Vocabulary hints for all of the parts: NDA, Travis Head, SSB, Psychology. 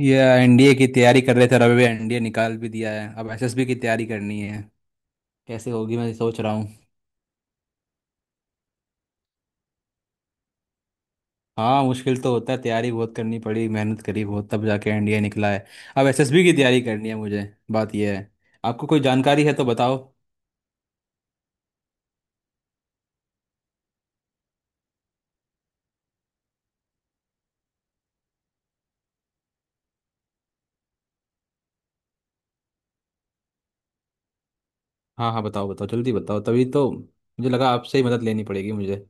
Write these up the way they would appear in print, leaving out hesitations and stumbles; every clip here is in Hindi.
ये एनडीए की तैयारी कर रहे थे, रवि। एनडीए निकाल भी दिया है, अब एसएसबी की तैयारी करनी है। कैसे होगी, मैं सोच रहा हूँ। हाँ, मुश्किल तो होता है, तैयारी बहुत करनी पड़ी। मेहनत करी बहुत, तब जाके एनडीए निकला है। अब एसएसबी की तैयारी करनी है मुझे। बात यह है, आपको कोई जानकारी है तो बताओ। हाँ हाँ, बताओ बताओ जल्दी बताओ। तभी तो मुझे लगा आपसे ही मदद लेनी पड़ेगी मुझे।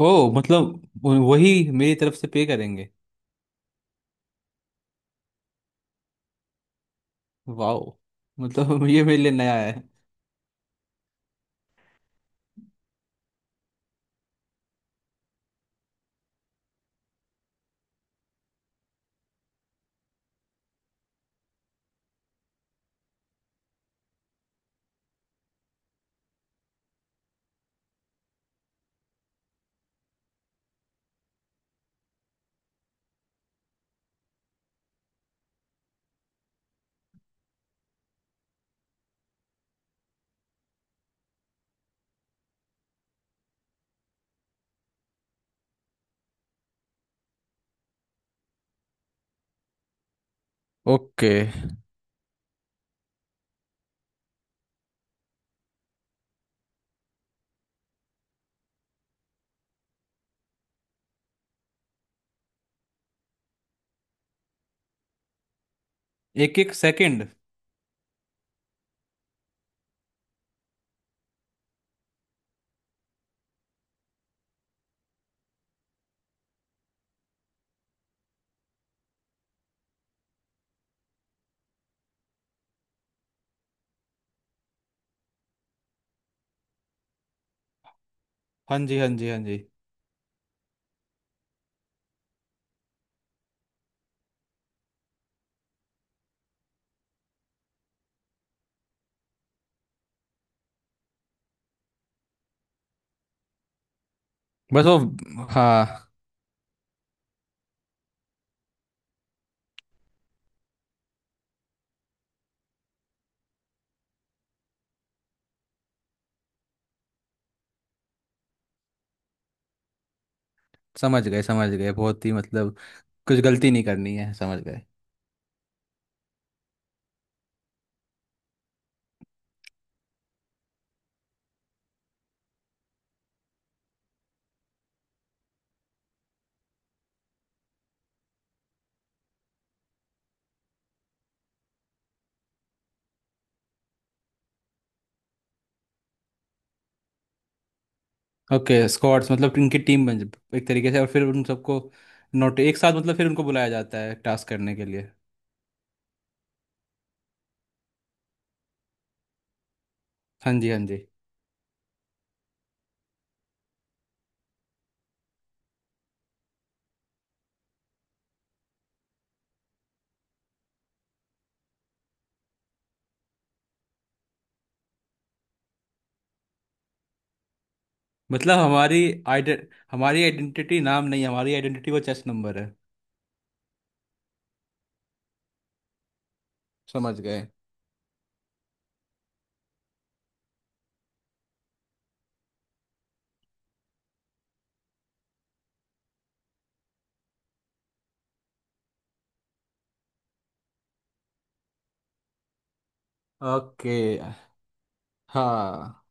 ओ, मतलब वही मेरी तरफ से पे करेंगे। वाह। मतलब ये मेरे लिए नया है। ओके। एक एक सेकंड। हाँ जी हाँ जी हाँ जी। बस वो। हाँ। समझ गए समझ गए, बहुत ही मतलब, कुछ गलती नहीं करनी है, समझ गए। ओके, स्क्वाड्स मतलब इनकी टीम बन एक तरीके से, और फिर उन सबको नोट एक साथ, मतलब फिर उनको बुलाया जाता है टास्क करने के लिए। हाँ जी हाँ जी। मतलब हमारी आइडे हमारी आइडेंटिटी नाम नहीं है, हमारी आइडेंटिटी वो चेस्ट नंबर है। समझ गए। ओके। हाँ,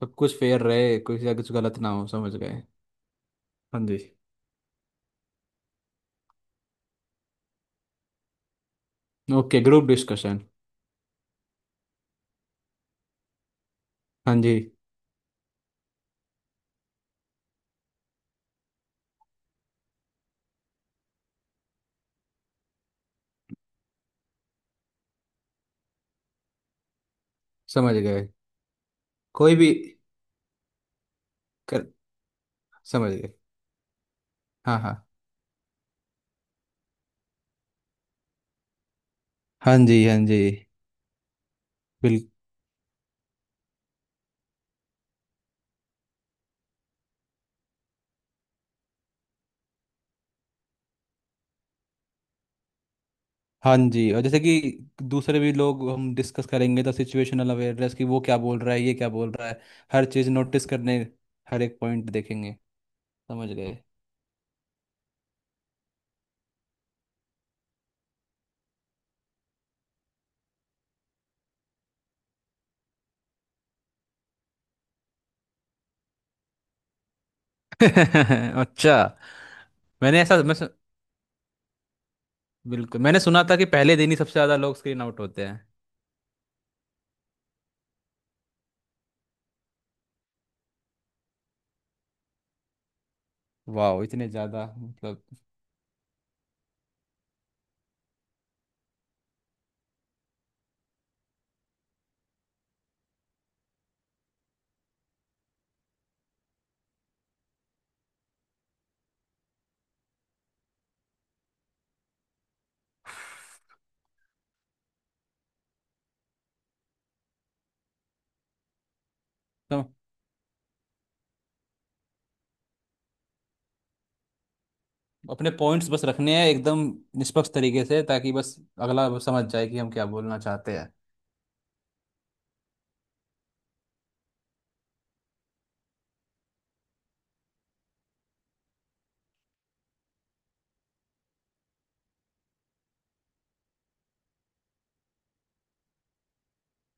सब कुछ फेयर रहे, कुछ या कुछ गलत ना हो, समझ गए। हाँ जी। Okay, group discussion. हाँ जी। समझ गए। कोई भी। कर समझ गए। हाँ हाँ। हाँ जी हाँ जी। बिल हाँ जी, और जैसे कि दूसरे भी लोग, हम डिस्कस करेंगे तो सिचुएशनल अवेयरनेस की, वो क्या बोल रहा है, ये क्या बोल रहा है। हर चीज़ नोटिस करने, हर एक पॉइंट देखेंगे। समझ गए। अच्छा। मैंने ऐसा, बिल्कुल मैंने सुना था कि पहले दिन ही सबसे ज्यादा लोग स्क्रीन आउट होते हैं। वाह, इतने ज़्यादा मतलब। तो अपने पॉइंट्स बस रखने हैं, एकदम निष्पक्ष तरीके से, ताकि बस अगला वो समझ जाए कि हम क्या बोलना चाहते हैं।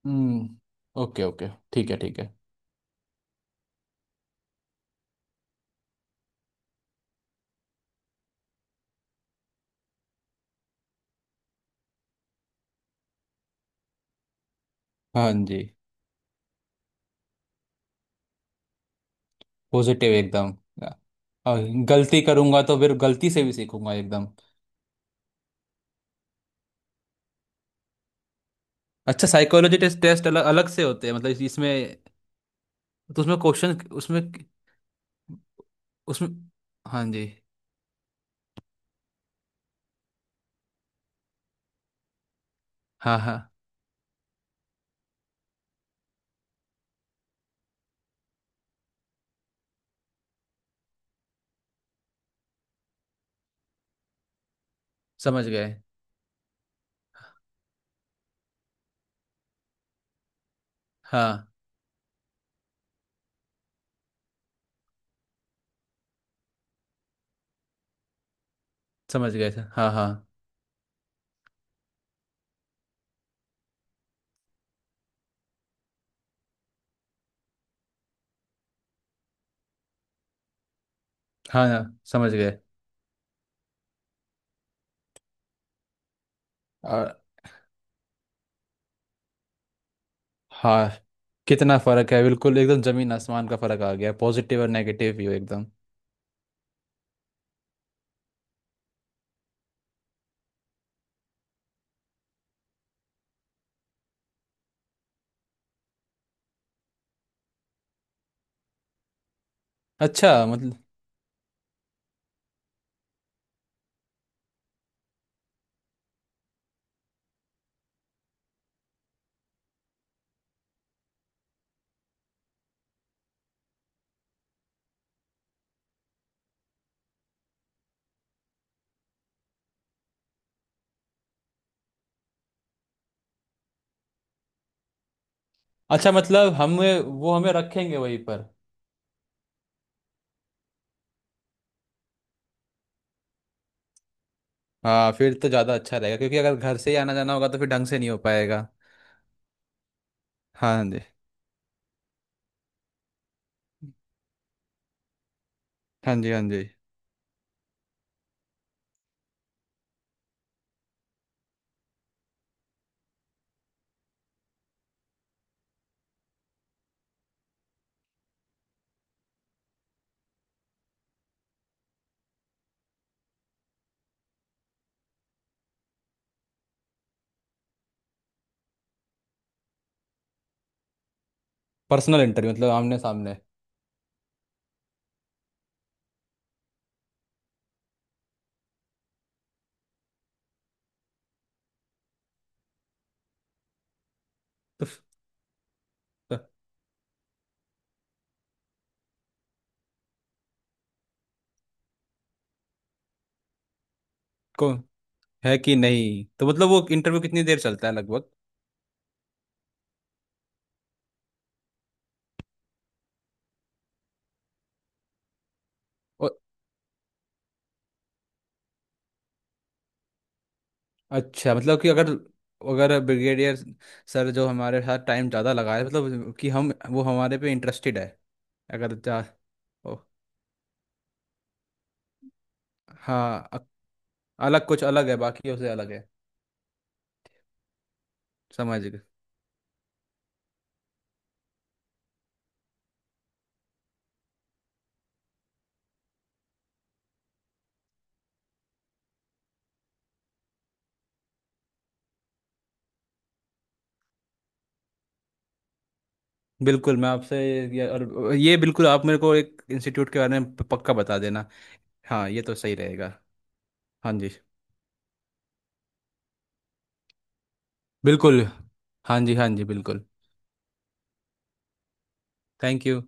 हम्म, ओके ओके, ठीक है ठीक है। हाँ जी। पॉजिटिव एकदम। और गलती करूंगा तो फिर गलती से भी सीखूंगा, एकदम। अच्छा, साइकोलॉजी टेस्ट टेस्ट अलग अलग से होते हैं मतलब? इसमें? तो उसमें क्वेश्चन? उसमें उसमें? हाँ जी। हाँ हाँ, समझ गए। हाँ, समझ गए सर, हाँ हाँ। हाँ हाँ, समझ गए। और हाँ, कितना फर्क है, बिल्कुल एकदम, जमीन आसमान का फर्क आ गया, पॉजिटिव और नेगेटिव व्यू एकदम। अच्छा मतलब। अच्छा मतलब, हमें वो हमें रखेंगे वहीं पर? हाँ, फिर तो ज़्यादा अच्छा रहेगा, क्योंकि अगर घर से ही आना जाना होगा तो फिर ढंग से नहीं हो पाएगा। हाँ जी हाँ जी हाँ जी। पर्सनल इंटरव्यू मतलब आमने सामने? तो फ- को है कि नहीं? तो मतलब वो इंटरव्यू कितनी देर चलता है लगभग? और अच्छा मतलब कि अगर अगर ब्रिगेडियर सर जो हमारे साथ टाइम ज़्यादा लगाए, मतलब कि हम वो हमारे पे इंटरेस्टेड है। अगर जा, ओ, हाँ, अलग, कुछ अलग है, बाकी उसे अलग है। समझ गए। बिल्कुल, मैं आपसे, ये और ये बिल्कुल, आप मेरे को एक इंस्टीट्यूट के बारे में पक्का बता देना। हाँ, ये तो सही रहेगा। हाँ जी बिल्कुल। हाँ जी हाँ जी बिल्कुल। Thank you.